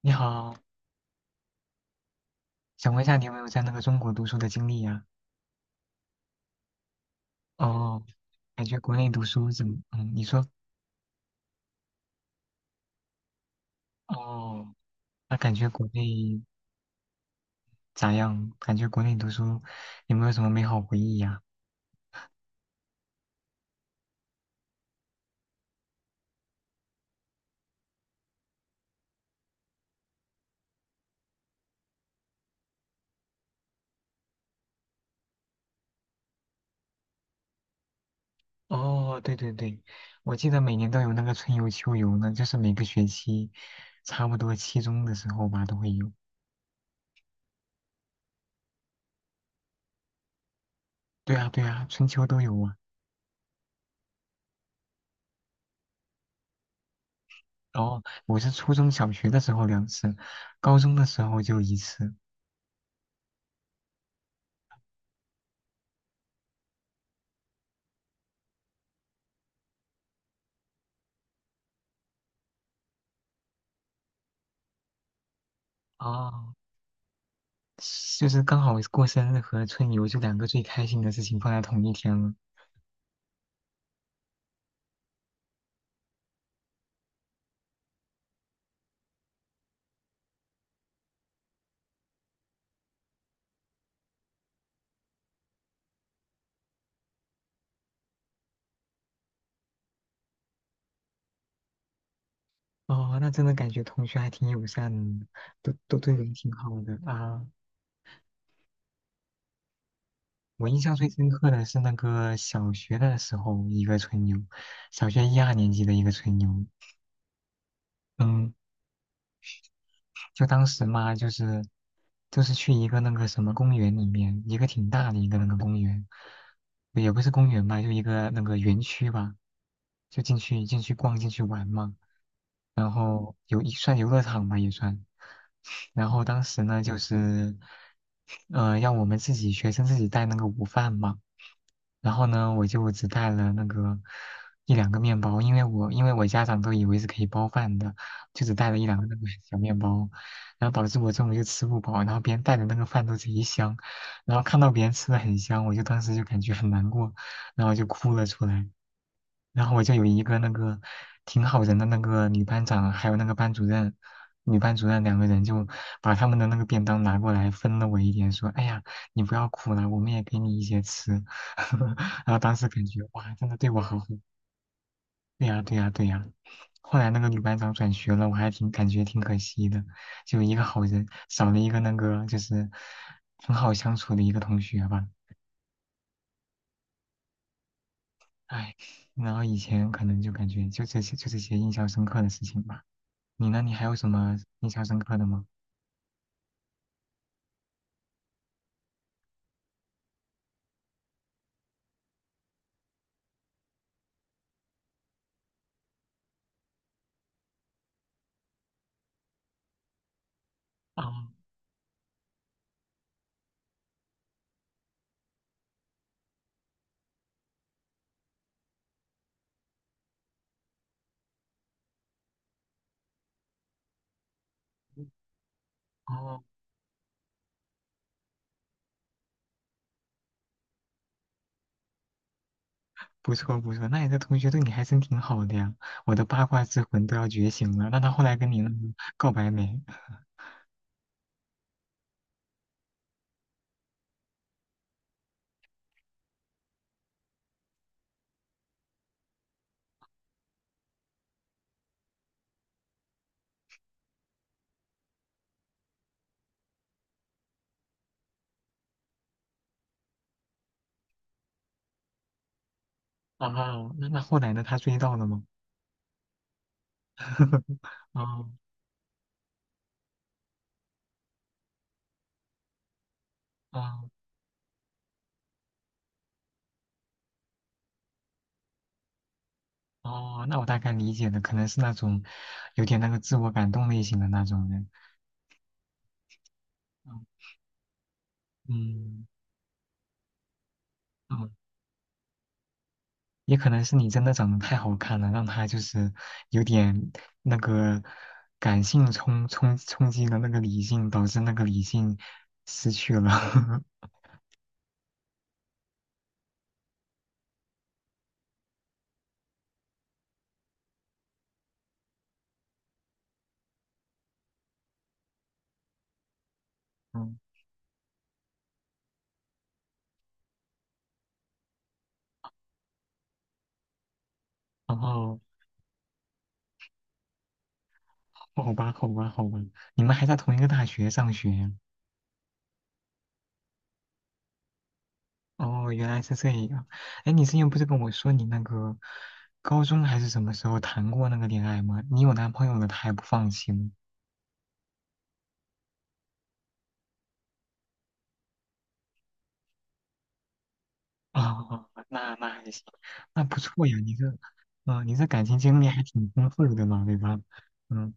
你好，想问一下你有没有在那个中国读书的经历呀、哦，感觉国内读书怎么？嗯，你说。哦，那感觉国内咋样？感觉国内读书有没有什么美好回忆呀、哦，对对对，我记得每年都有那个春游秋游呢，就是每个学期差不多期中的时候吧都会有。对啊对啊，春秋都有啊。然后我是初中小学的时候两次，高中的时候就一次。哦，就是刚好过生日和春游就两个最开心的事情放在同一天了。哦，那真的感觉同学还挺友善的，都对人挺好的啊。我印象最深刻的是那个小学的时候一个春游，小学一二年级的一个春游。嗯，就当时嘛，就是去一个那个什么公园里面，一个挺大的一个那个公园，也不是公园吧，就一个那个园区吧，就进去逛进去玩嘛。然后有一算游乐场吧也算。然后当时呢，就是，让我们自己学生自己带那个午饭嘛。然后呢，我就只带了那个一两个面包，因为我家长都以为是可以包饭的，就只带了一两个那个小面包，然后导致我中午就吃不饱，然后别人带的那个饭都贼香，然后看到别人吃的很香，我就当时就感觉很难过，然后就哭了出来。然后我就有一个那个挺好人的那个女班长，还有那个班主任，女班主任两个人就把他们的那个便当拿过来分了我一点，说：“哎呀，你不要哭了，我们也给你一些吃。” 然后当时感觉哇，真的对我好好。对呀，对呀，对呀。后来那个女班长转学了，我还挺感觉挺可惜的，就一个好人少了一个那个就是很好相处的一个同学吧。哎，然后以前可能就感觉就这些印象深刻的事情吧。你呢？你还有什么印象深刻的吗？哦哦，不错不错，那你的同学对你还真挺好的呀。我的八卦之魂都要觉醒了。那他后来跟你那个告白没？哦，那那后来呢？他追到了吗？哦哦哦，那我大概理解了，可能是那种有点那个自我感动类型的那种人。嗯嗯。也可能是你真的长得太好看了，让他就是有点那个感性冲击了那个理性，导致那个理性失去了。嗯，然后哦好吧，好吧，好吧，你们还在同一个大学上学哦，原来是这样。哎，你之前不是跟我说你那个高中还是什么时候谈过那个恋爱吗？你有男朋友了，他还不放心？哦，那那还行，那不错呀，你这，呃，你这感情经历还挺丰富的嘛，对吧？嗯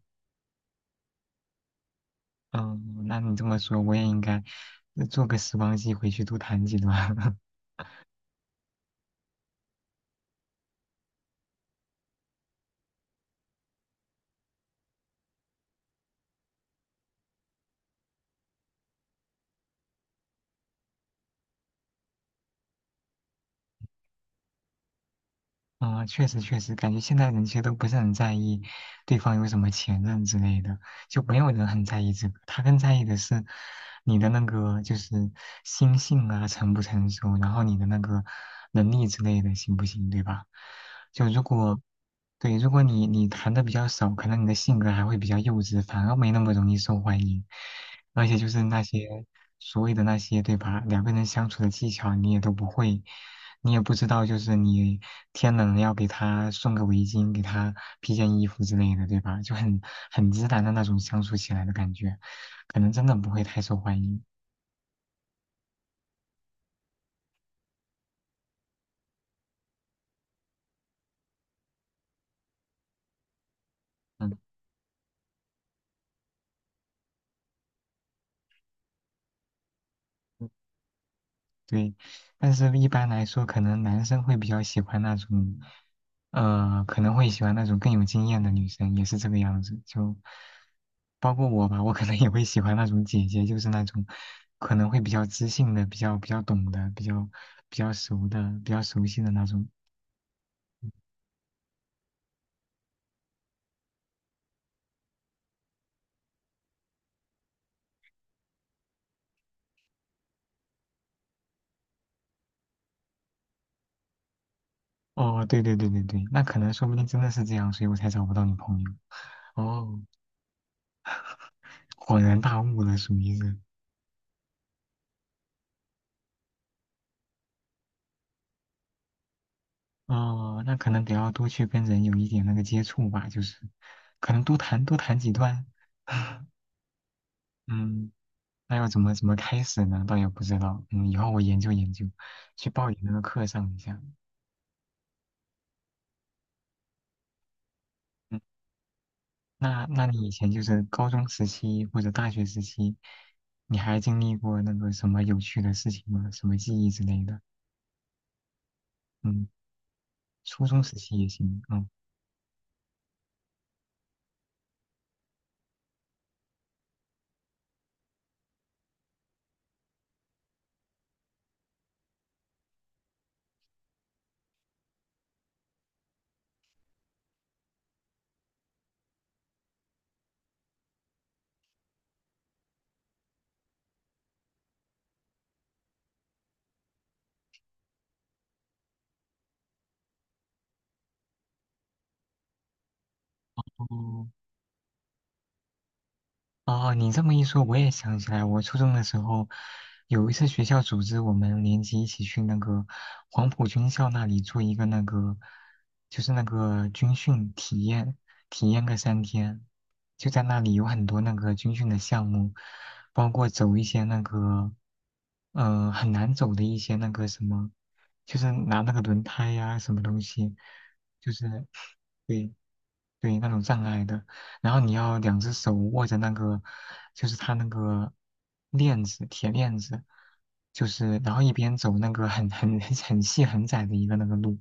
嗯，那你这么说，我也应该做个时光机回去多谈几段。啊、确实确实，感觉现在人其实都不是很在意对方有什么前任之类的，就没有人很在意这个。他更在意的是你的那个就是心性啊成不成熟，然后你的那个能力之类的行不行，对吧？就如果对，如果你谈的比较少，可能你的性格还会比较幼稚，反而没那么容易受欢迎。而且就是那些所谓的那些，对吧？两个人相处的技巧你也都不会，你也不知道，就是你天冷要给他送个围巾，给他披件衣服之类的，对吧？就很自然的那种相处起来的感觉，可能真的不会太受欢迎。嗯，对。但是一般来说，可能男生会比较喜欢那种，可能会喜欢那种更有经验的女生，也是这个样子。就包括我吧，我可能也会喜欢那种姐姐，就是那种可能会比较知性的、比较懂的、比较熟的、比较熟悉的那种。哦，对对对对对，那可能说不定真的是这样，所以我才找不到女朋友。哦，恍然大悟了，属于是。哦，那可能得要多去跟人有一点那个接触吧，就是可能多谈几段。嗯，那要怎么开始呢？倒也不知道。嗯，以后我研究研究，去报你那个课上一下。嗯，那那你以前就是高中时期或者大学时期，你还经历过那个什么有趣的事情吗？什么记忆之类的？嗯，初中时期也行。嗯。哦，哦，你这么一说，我也想起来，我初中的时候有一次学校组织我们年级一起去那个黄埔军校那里做一个那个，就是那个军训体验，体验个三天，就在那里有很多那个军训的项目，包括走一些那个，嗯、很难走的一些那个什么，就是拿那个轮胎呀、什么东西，就是 对对那种障碍的。然后你要两只手握着那个，就是它那个链子，铁链子，就是然后一边走那个很 很细很窄的一个那个路，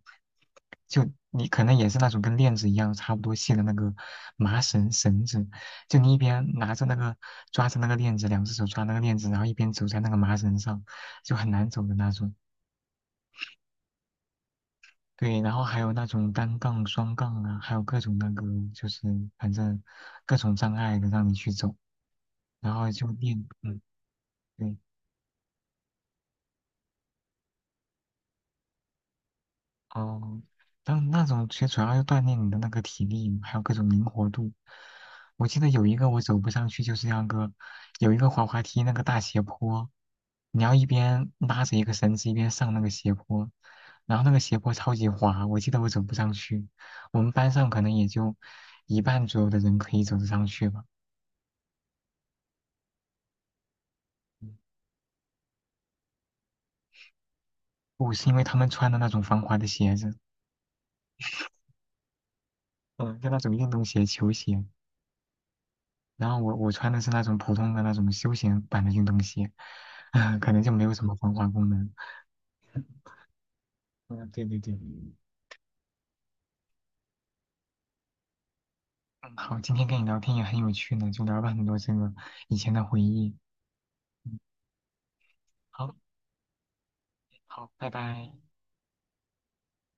就你可能也是那种跟链子一样差不多细的那个麻绳绳子，就你一边拿着那个抓着那个链子，两只手抓那个链子，然后一边走在那个麻绳上，就很难走的那种。对，然后还有那种单杠、双杠啊，还有各种那个，就是反正各种障碍的让你去走。然后就练，嗯，对，哦，当那种其实主要是锻炼你的那个体力，还有各种灵活度。我记得有一个我走不上去，就是那个有一个滑滑梯那个大斜坡，你要一边拉着一个绳子一边上那个斜坡，然后那个斜坡超级滑，我记得我走不上去。我们班上可能也就一半左右的人可以走得上去吧。不是因为他们穿的那种防滑的鞋子，嗯，就那种运动鞋、球鞋。然后我穿的是那种普通的那种休闲版的运动鞋，可能就没有什么防滑功能。嗯，对对对，嗯，好，今天跟你聊天也很有趣呢，就聊了很多这个以前的回忆。好，好，拜拜。